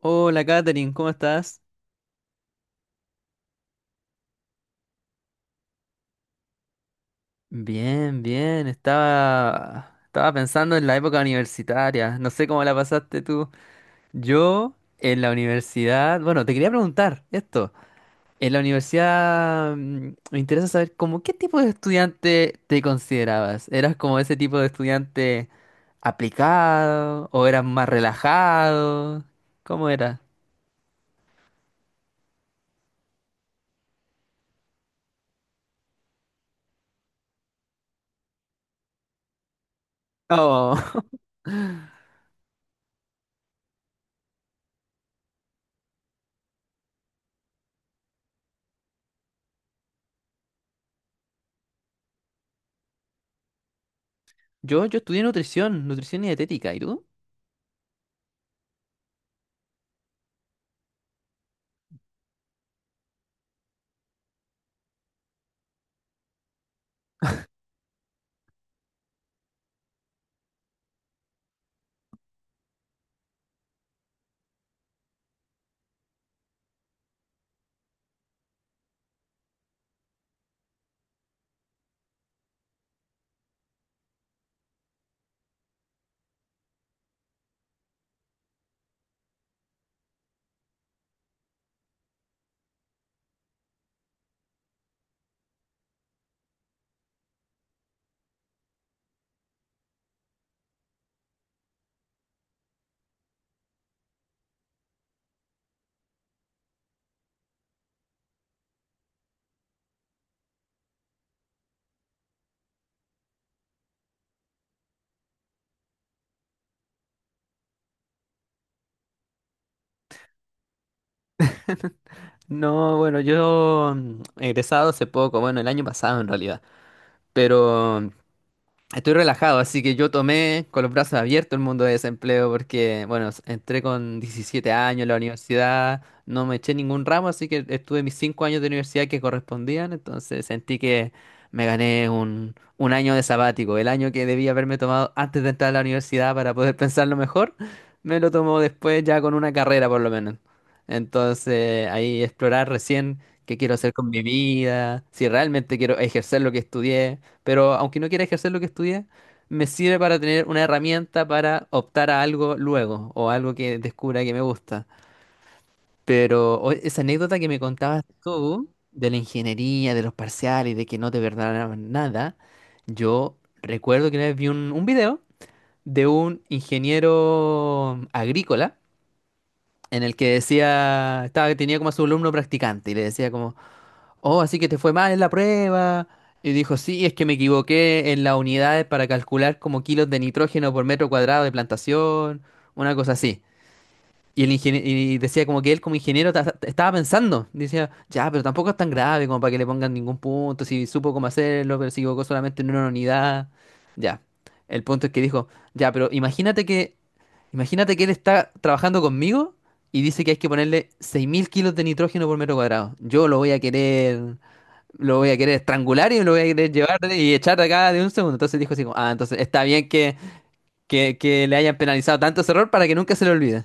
Hola Katherine, ¿cómo estás? Bien, bien, estaba pensando en la época universitaria, no sé cómo la pasaste tú. Yo en la universidad, bueno, te quería preguntar esto, en la universidad me interesa saber como qué tipo de estudiante te considerabas, ¿eras como ese tipo de estudiante aplicado o eras más relajado? ¿Cómo era? Oh, Yo estudié nutrición y dietética, ¿y tú? No, bueno, yo he egresado hace poco, bueno, el año pasado en realidad, pero estoy relajado, así que yo tomé con los brazos abiertos el mundo de desempleo porque, bueno, entré con 17 años a la universidad, no me eché ningún ramo, así que estuve mis 5 años de universidad que correspondían, entonces sentí que me gané un año de sabático, el año que debía haberme tomado antes de entrar a la universidad para poder pensarlo mejor, me lo tomó después ya con una carrera por lo menos. Entonces ahí explorar recién qué quiero hacer con mi vida, si realmente quiero ejercer lo que estudié. Pero aunque no quiera ejercer lo que estudié, me sirve para tener una herramienta para optar a algo luego o algo que descubra que me gusta. Pero esa anécdota que me contabas tú de la ingeniería, de los parciales, de que no te perdonaban nada, yo recuerdo que una vez vi un video de un ingeniero agrícola en el que decía, tenía como a su alumno practicante y le decía como, oh, así que te fue mal en la prueba. Y dijo, sí, es que me equivoqué en las unidades para calcular como kilos de nitrógeno por metro cuadrado de plantación, una cosa así. Y decía como que él como ingeniero estaba pensando, decía, ya, pero tampoco es tan grave como para que le pongan ningún punto, si supo cómo hacerlo, pero se equivocó solamente en una unidad. Ya, el punto es que dijo, ya, pero imagínate que, él está trabajando conmigo y dice que hay que ponerle 6000 kilos de nitrógeno por metro cuadrado. Yo lo voy a querer estrangular y me lo voy a querer llevar y echar de acá de un segundo. Entonces dijo así como, ah, entonces está bien que le hayan penalizado tanto ese error para que nunca se le olvide.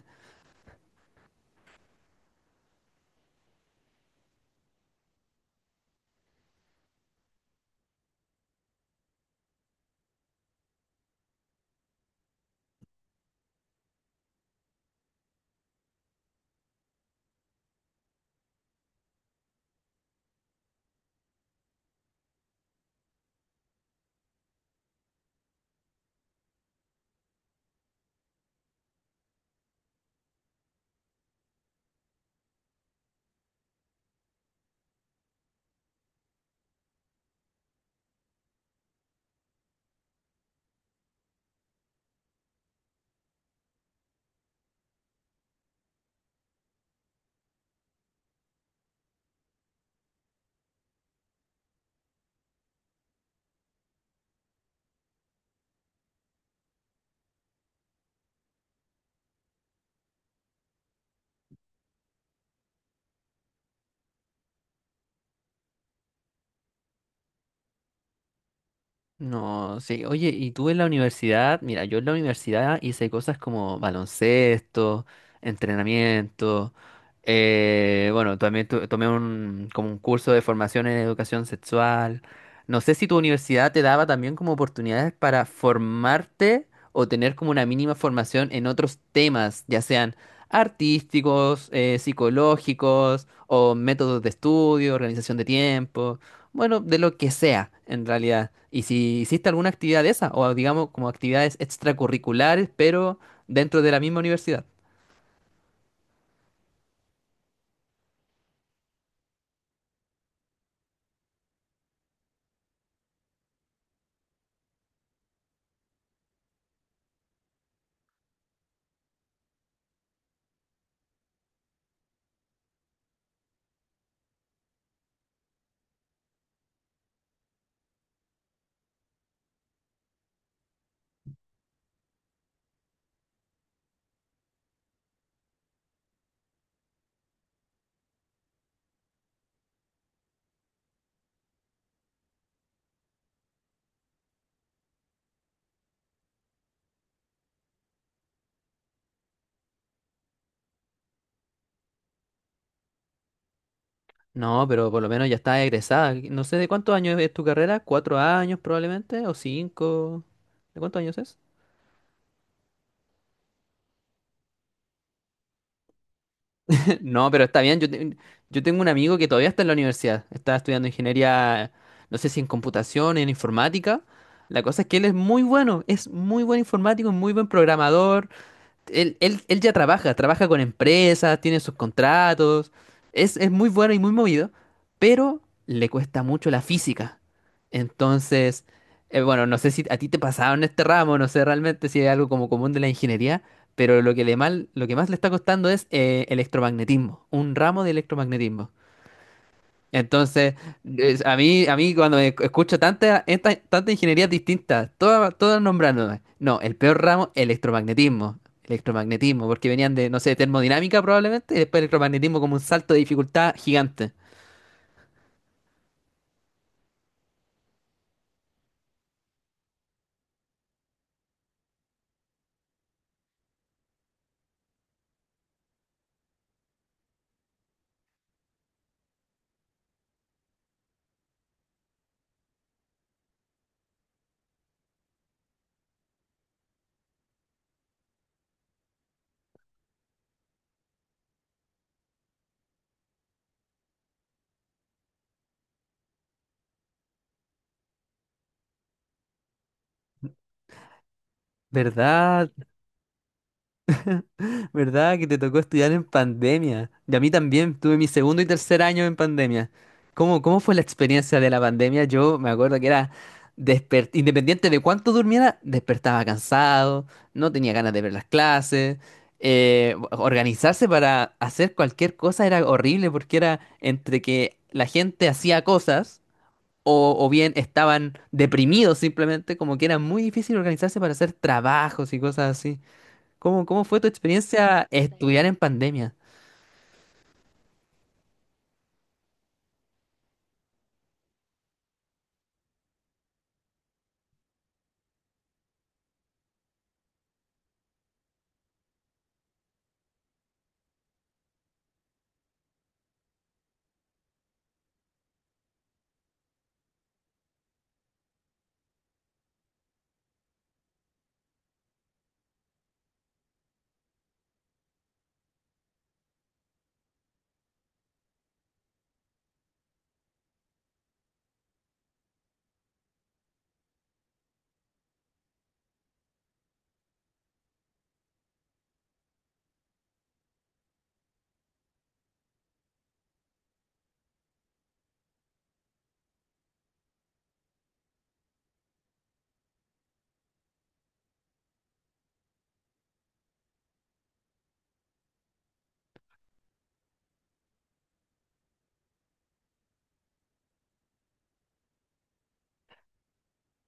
No, sí, oye, y tú en la universidad, mira, yo en la universidad hice cosas como baloncesto, entrenamiento, bueno, también tomé como un curso de formación en educación sexual. No sé si tu universidad te daba también como oportunidades para formarte o tener como una mínima formación en otros temas, ya sean artísticos, psicológicos o métodos de estudio, organización de tiempo. Bueno, de lo que sea, en realidad. Y si hiciste alguna actividad de esa, o digamos como actividades extracurriculares, pero dentro de la misma universidad. No, pero por lo menos ya estás egresada. No sé de cuántos años es tu carrera, 4 años probablemente, o 5. ¿De cuántos años es? No, pero está bien. Yo tengo un amigo que todavía está en la universidad. Está estudiando ingeniería, no sé si en computación, en informática. La cosa es que él es muy bueno, es muy buen informático, muy buen programador. Él ya trabaja con empresas, tiene sus contratos, es muy bueno y muy movido, pero le cuesta mucho la física. Entonces, bueno, no sé si a ti te pasaba en este ramo, no sé realmente si es algo como común de la ingeniería, pero lo que más le está costando es electromagnetismo, un ramo de electromagnetismo. Entonces, a mí cuando escucho tantas tantas ingenierías distintas, todas, todas nombrándome. No, el peor ramo, electromagnetismo. Electromagnetismo, porque venían de, no sé, termodinámica probablemente, y después electromagnetismo como un salto de dificultad gigante. ¿Verdad? ¿Verdad? Que te tocó estudiar en pandemia. Y a mí también, tuve mi segundo y tercer año en pandemia. ¿Cómo fue la experiencia de la pandemia? Yo me acuerdo que era, independiente de cuánto durmiera, despertaba cansado, no tenía ganas de ver las clases. Organizarse para hacer cualquier cosa era horrible porque era entre que la gente hacía cosas o bien estaban deprimidos simplemente, como que era muy difícil organizarse para hacer trabajos y cosas. ¿Cómo fue tu experiencia estudiar en pandemia?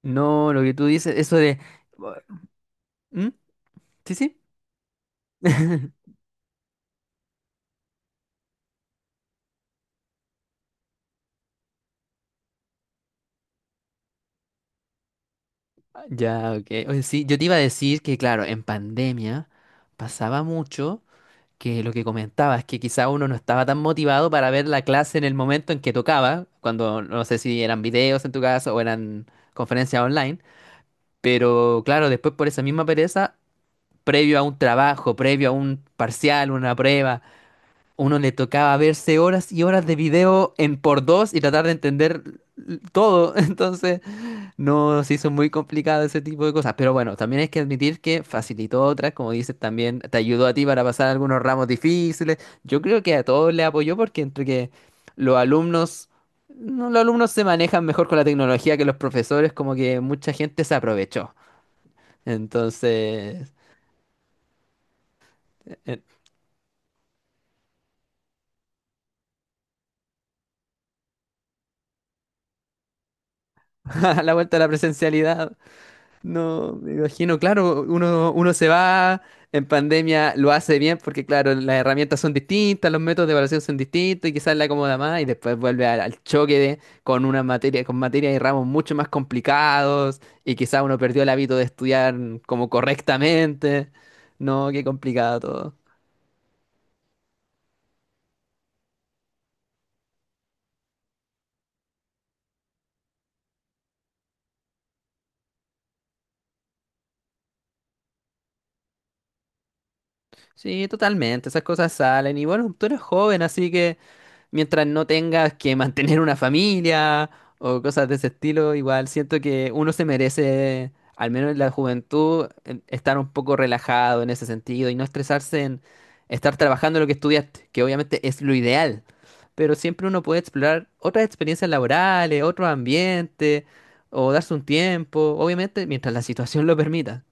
No, lo que tú dices, eso de. ¿Mm? ¿Sí, sí? Ya, ok. Oye, sí, yo te iba a decir que, claro, en pandemia pasaba mucho que lo que comentabas, que quizá uno no estaba tan motivado para ver la clase en el momento en que tocaba, cuando no sé si eran videos en tu caso o eran conferencias online, pero claro, después por esa misma pereza, previo a un trabajo, previo a un parcial, una prueba. Uno le tocaba verse horas y horas de video en por dos y tratar de entender todo. Entonces, no se hizo muy complicado ese tipo de cosas. Pero bueno, también hay que admitir que facilitó otras, como dices también, te ayudó a ti para pasar algunos ramos difíciles. Yo creo que a todos le apoyó porque entre que los alumnos, no, los alumnos se manejan mejor con la tecnología que los profesores, como que mucha gente se aprovechó. Entonces, a la vuelta a la presencialidad. No, me imagino, claro, uno se va en pandemia, lo hace bien porque, claro, las herramientas son distintas, los métodos de evaluación son distintos y quizás le acomoda más y después vuelve al choque de, con una materia, con materias y ramos mucho más complicados y quizás uno perdió el hábito de estudiar como correctamente. No, qué complicado todo. Sí, totalmente, esas cosas salen y bueno, tú eres joven, así que mientras no tengas que mantener una familia o cosas de ese estilo, igual siento que uno se merece, al menos en la juventud, estar un poco relajado en ese sentido y no estresarse en estar trabajando lo que estudiaste, que obviamente es lo ideal, pero siempre uno puede explorar otras experiencias laborales, otro ambiente o darse un tiempo, obviamente mientras la situación lo permita.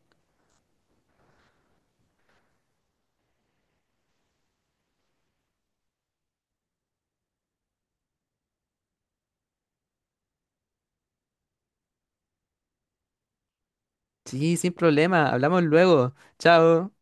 Sí, sin problema, hablamos luego. Chao.